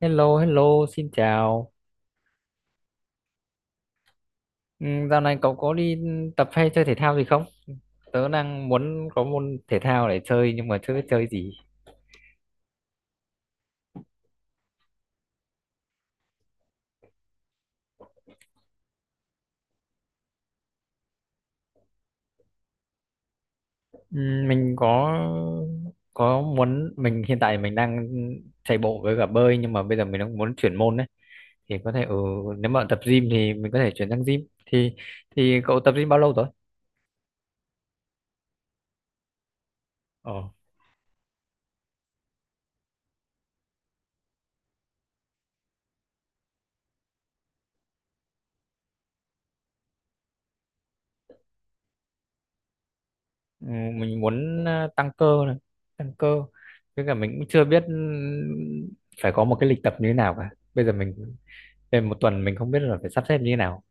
Hello, hello, xin chào. Ừ, dạo này cậu có đi tập hay chơi thể thao gì không? Tớ đang muốn có môn thể thao để chơi nhưng mà chưa biết chơi gì. Ừ, mình có muốn mình hiện tại mình đang chạy bộ với cả bơi nhưng mà bây giờ mình đang muốn chuyển môn đấy. Thì có thể ừ, nếu mà tập gym thì mình có thể chuyển sang gym. Thì cậu tập gym bao lâu rồi? Ờ. Ừ, mình muốn ờ, tăng cơ này, tăng cơ. Với cả mình cũng chưa biết ừ, phải có một cái lịch tập như thế nào cả. Bây giờ mình, để một tuần mình không biết là phải sắp xếp như thế nào.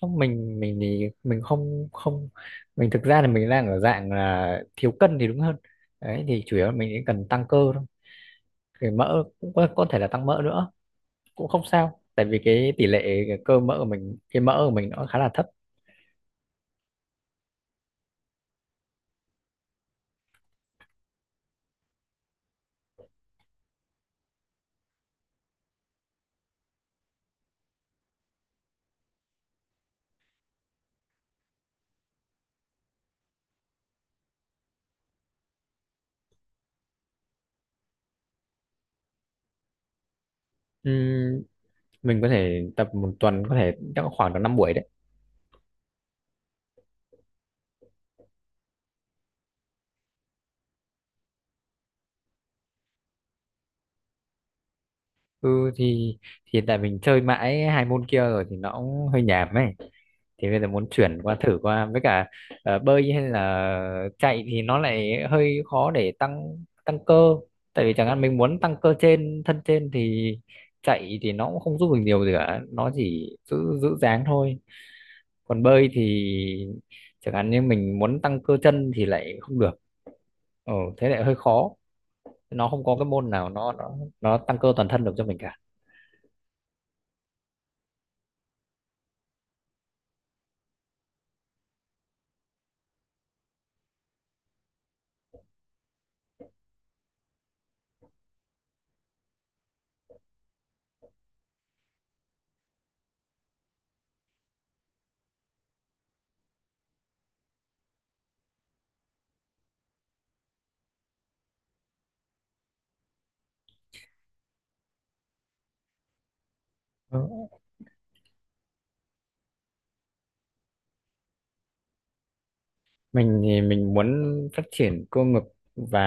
Không, mình thì mình không không, mình thực ra là mình đang ở dạng là thiếu cân thì đúng hơn đấy. Thì chủ yếu là mình chỉ cần tăng cơ thôi, cái mỡ cũng có thể là tăng mỡ nữa cũng không sao tại vì cái tỷ lệ cái cơ mỡ của mình, cái mỡ của mình nó khá là thấp. Ừm, mình có thể tập một tuần có thể chắc khoảng tầm 5 buổi đấy. Ừ thì hiện tại mình chơi mãi hai môn kia rồi thì nó cũng hơi nhàm ấy, thì bây giờ muốn chuyển qua, thử qua với cả ờ, bơi hay là chạy thì nó lại hơi khó để tăng tăng cơ. Tại vì chẳng hạn mình muốn tăng cơ trên, thân trên thì chạy thì nó cũng không giúp mình nhiều gì cả, nó chỉ giữ giữ dáng thôi. Còn bơi thì chẳng hạn như mình muốn tăng cơ chân thì lại không được, ừ, thế lại hơi khó, nó không có cái môn nào nó tăng cơ toàn thân được cho mình cả. Ừ. Mình thì mình muốn phát triển cơ ngực và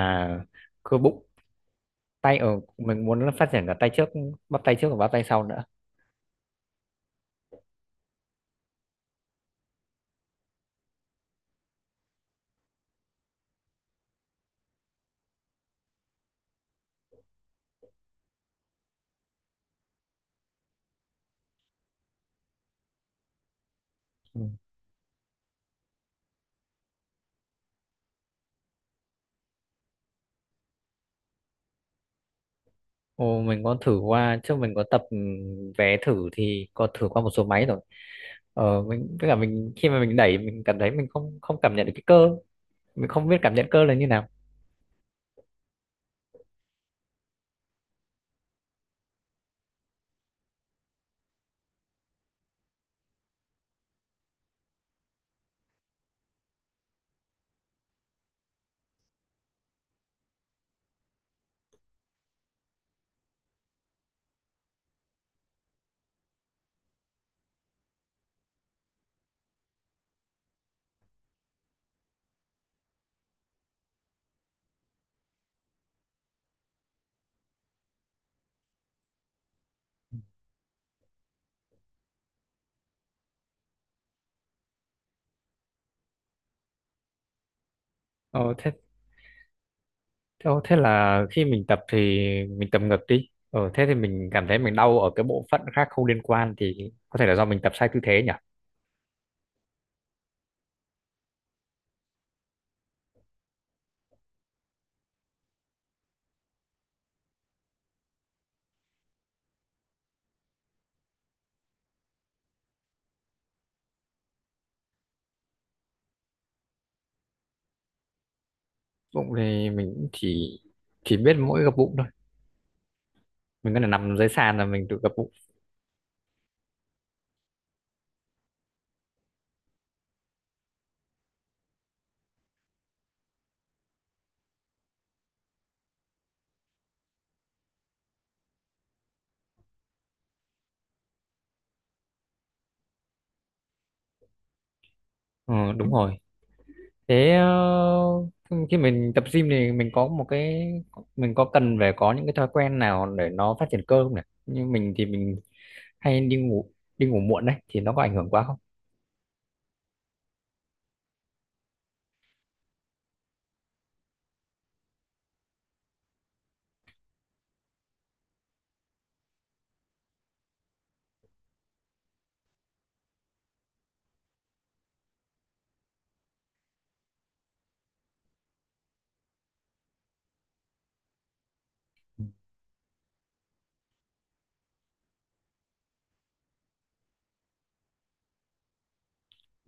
cơ bụng, tay ở mình muốn là phát triển cả tay trước, bắp tay trước và bắp tay sau nữa. Ừ. Ồ, mình có thử qua, trước mình có tập ừ, vé thử thì có thử qua một số máy rồi. Ờ, mình với cả mình khi mà mình đẩy mình cảm thấy mình không không cảm nhận được cái cơ, mình không biết cảm nhận cơ là như nào. Ờ, thế ờ, thế là khi mình tập thì mình tập ngược đi, ờ, thế thì mình cảm thấy mình đau ở cái bộ phận khác không liên quan thì có thể là do mình tập sai tư thế nhỉ. Bụng thì mình cũng chỉ biết mỗi gập bụng thôi, mình có thể nằm dưới sàn là mình tự gập bụng. Ờ, đúng rồi. Thế ờ, khi mình tập gym thì mình có một cái, mình có cần phải có những cái thói quen nào để nó phát triển cơ không nhỉ? Như mình thì mình hay đi ngủ, đi ngủ muộn đấy thì nó có ảnh hưởng quá không?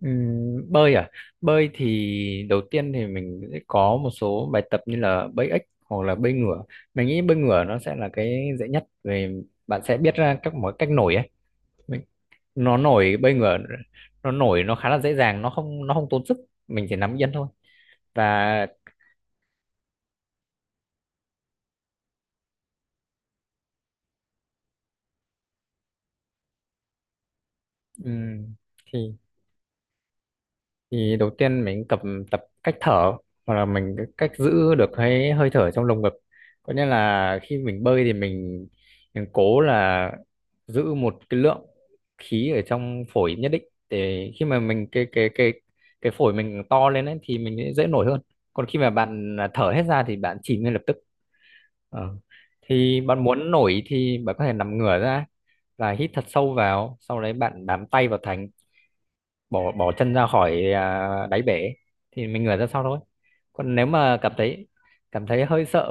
Bơi à, bơi thì đầu tiên thì mình sẽ có một số bài tập như là bơi ếch hoặc là bơi ngửa. Mình nghĩ bơi ngửa nó sẽ là cái dễ nhất vì bạn sẽ biết ra các mọi cách nổi ấy. Mình, nó nổi, bơi ngửa nó nổi nó khá là dễ dàng, nó không tốn sức, mình chỉ nằm yên thôi. Và ừ, thì thì đầu tiên mình tập tập cách thở hoặc là mình cái cách giữ được cái hơi thở trong lồng ngực. Có nghĩa là khi mình bơi thì mình cố là giữ một cái lượng khí ở trong phổi nhất định, để khi mà mình cái cái phổi mình to lên ấy, thì mình sẽ dễ nổi hơn. Còn khi mà bạn thở hết ra thì bạn chìm ngay lập tức. Ờ. Thì bạn muốn nổi thì bạn có thể nằm ngửa ra và hít thật sâu vào, sau đấy bạn bám tay vào thành, bỏ bỏ chân ra khỏi à, đáy bể, thì mình ngửa ra sau thôi. Còn nếu mà cảm thấy, hơi sợ.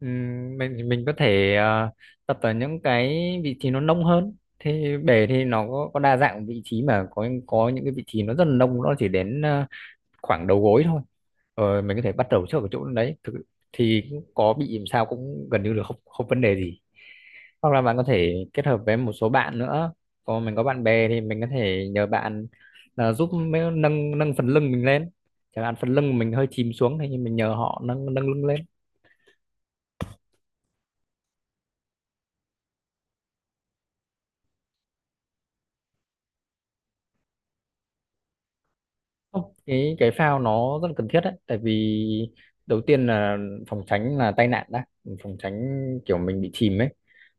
Ừm, mình có thể à, tập ở những cái vị trí nó nông hơn. Thì bể thì nó có đa dạng vị trí, mà có những cái vị trí nó rất là nông, nó chỉ đến à, khoảng đầu gối thôi, rồi mình có thể bắt đầu trước ở chỗ đấy thì có bị làm sao cũng gần như là không không vấn đề gì. Hoặc là bạn có thể kết hợp với một số bạn nữa, còn mình có bạn bè thì mình có thể nhờ bạn là giúp nâng nâng phần lưng mình lên, chẳng hạn phần lưng mình hơi chìm xuống thì mình nhờ họ nâng nâng lưng lên. Không, cái phao nó rất là cần thiết đấy, tại vì đầu tiên là phòng tránh là tai nạn đã, phòng tránh kiểu mình bị chìm ấy,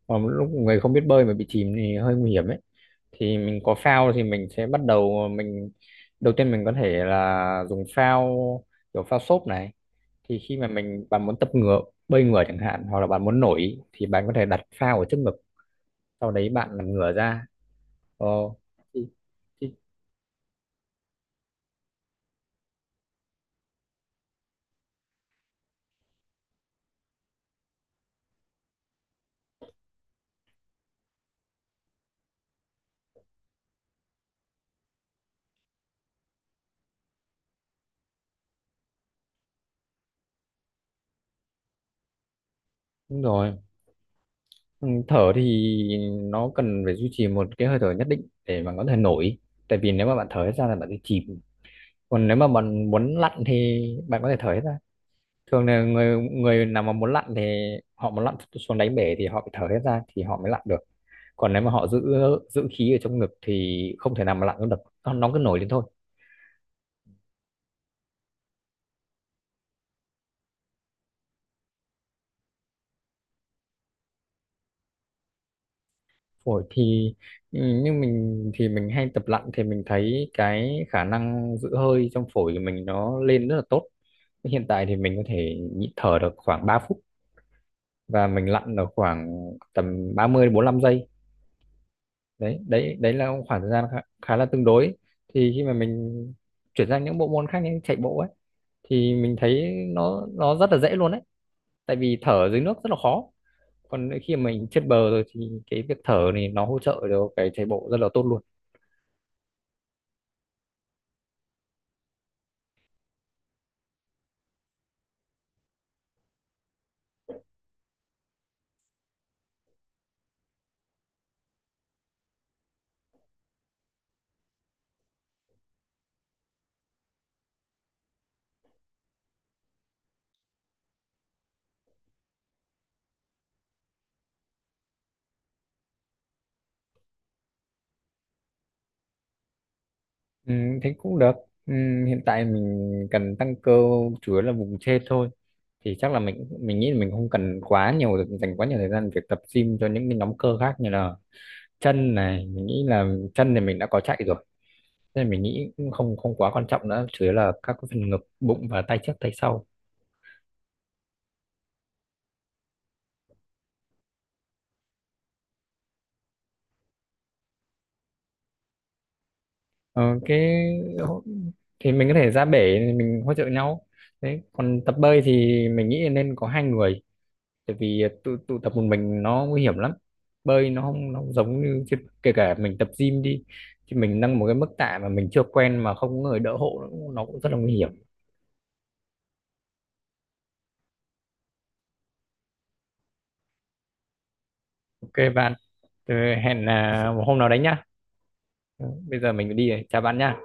còn lúc người không biết bơi mà bị chìm thì hơi nguy hiểm ấy. Thì mình có phao thì mình sẽ bắt đầu, mình đầu tiên mình có thể là dùng phao, kiểu phao xốp này. Thì khi mà mình, bạn muốn tập ngửa, bơi ngửa chẳng hạn, hoặc là bạn muốn nổi thì bạn có thể đặt phao ở trước ngực, sau đấy bạn nằm ngửa ra. Ờ, thì, thì, đúng rồi. Ừ, thở thì nó cần phải duy trì một cái hơi thở nhất định để mà có thể nổi, tại vì nếu mà bạn thở hết ra là bạn sẽ chìm. Còn nếu mà bạn muốn lặn thì bạn có thể thở hết ra, thường là người, người nào mà muốn lặn thì họ muốn lặn xuống đáy bể thì họ phải thở hết ra thì họ mới lặn được. Còn nếu mà họ giữ, giữ khí ở trong ngực thì không thể nào mà lặn được được, nó cứ nổi lên thôi. Phổi thì ừ, như mình thì mình hay tập lặn thì mình thấy cái khả năng giữ hơi trong phổi của mình nó lên rất là tốt. Hiện tại thì mình có thể nhịn thở được khoảng 3 phút, và mình lặn được khoảng tầm 30 đến bốn lăm giây, đấy đấy đấy là khoảng thời gian khá, khá là tương đối. Thì khi mà mình chuyển sang những bộ môn khác như chạy bộ ấy thì mình thấy nó rất là dễ luôn đấy, tại vì thở dưới nước rất là khó, còn khi mà mình trên bờ rồi thì cái việc thở này nó hỗ trợ cho cái chạy bộ rất là tốt luôn. Ừ, thế cũng được. Ừ, hiện tại mình cần tăng cơ chủ yếu là vùng trên thôi. Thì chắc là mình nghĩ là mình không cần quá nhiều, dành quá nhiều thời gian việc tập gym cho những cái nhóm cơ khác như là chân này, mình nghĩ là chân thì mình đã có chạy rồi. Nên mình nghĩ cũng không không quá quan trọng nữa, chủ yếu là các cái phần ngực, bụng và tay trước tay sau. Ờ, cái thì mình có thể ra bể mình hỗ trợ nhau. Đấy, còn tập bơi thì mình nghĩ nên có hai người, tại vì à, tụ tập một mình nó nguy hiểm lắm. Bơi nó không, nó không giống như chứ, kể cả mình tập gym đi thì mình nâng một cái mức tạ mà mình chưa quen mà không có người đỡ hộ nó cũng, rất là nguy hiểm. OK bạn, thế hẹn à, một hôm nào đấy nhá, bây giờ mình phải đi rồi, chào bạn nhá.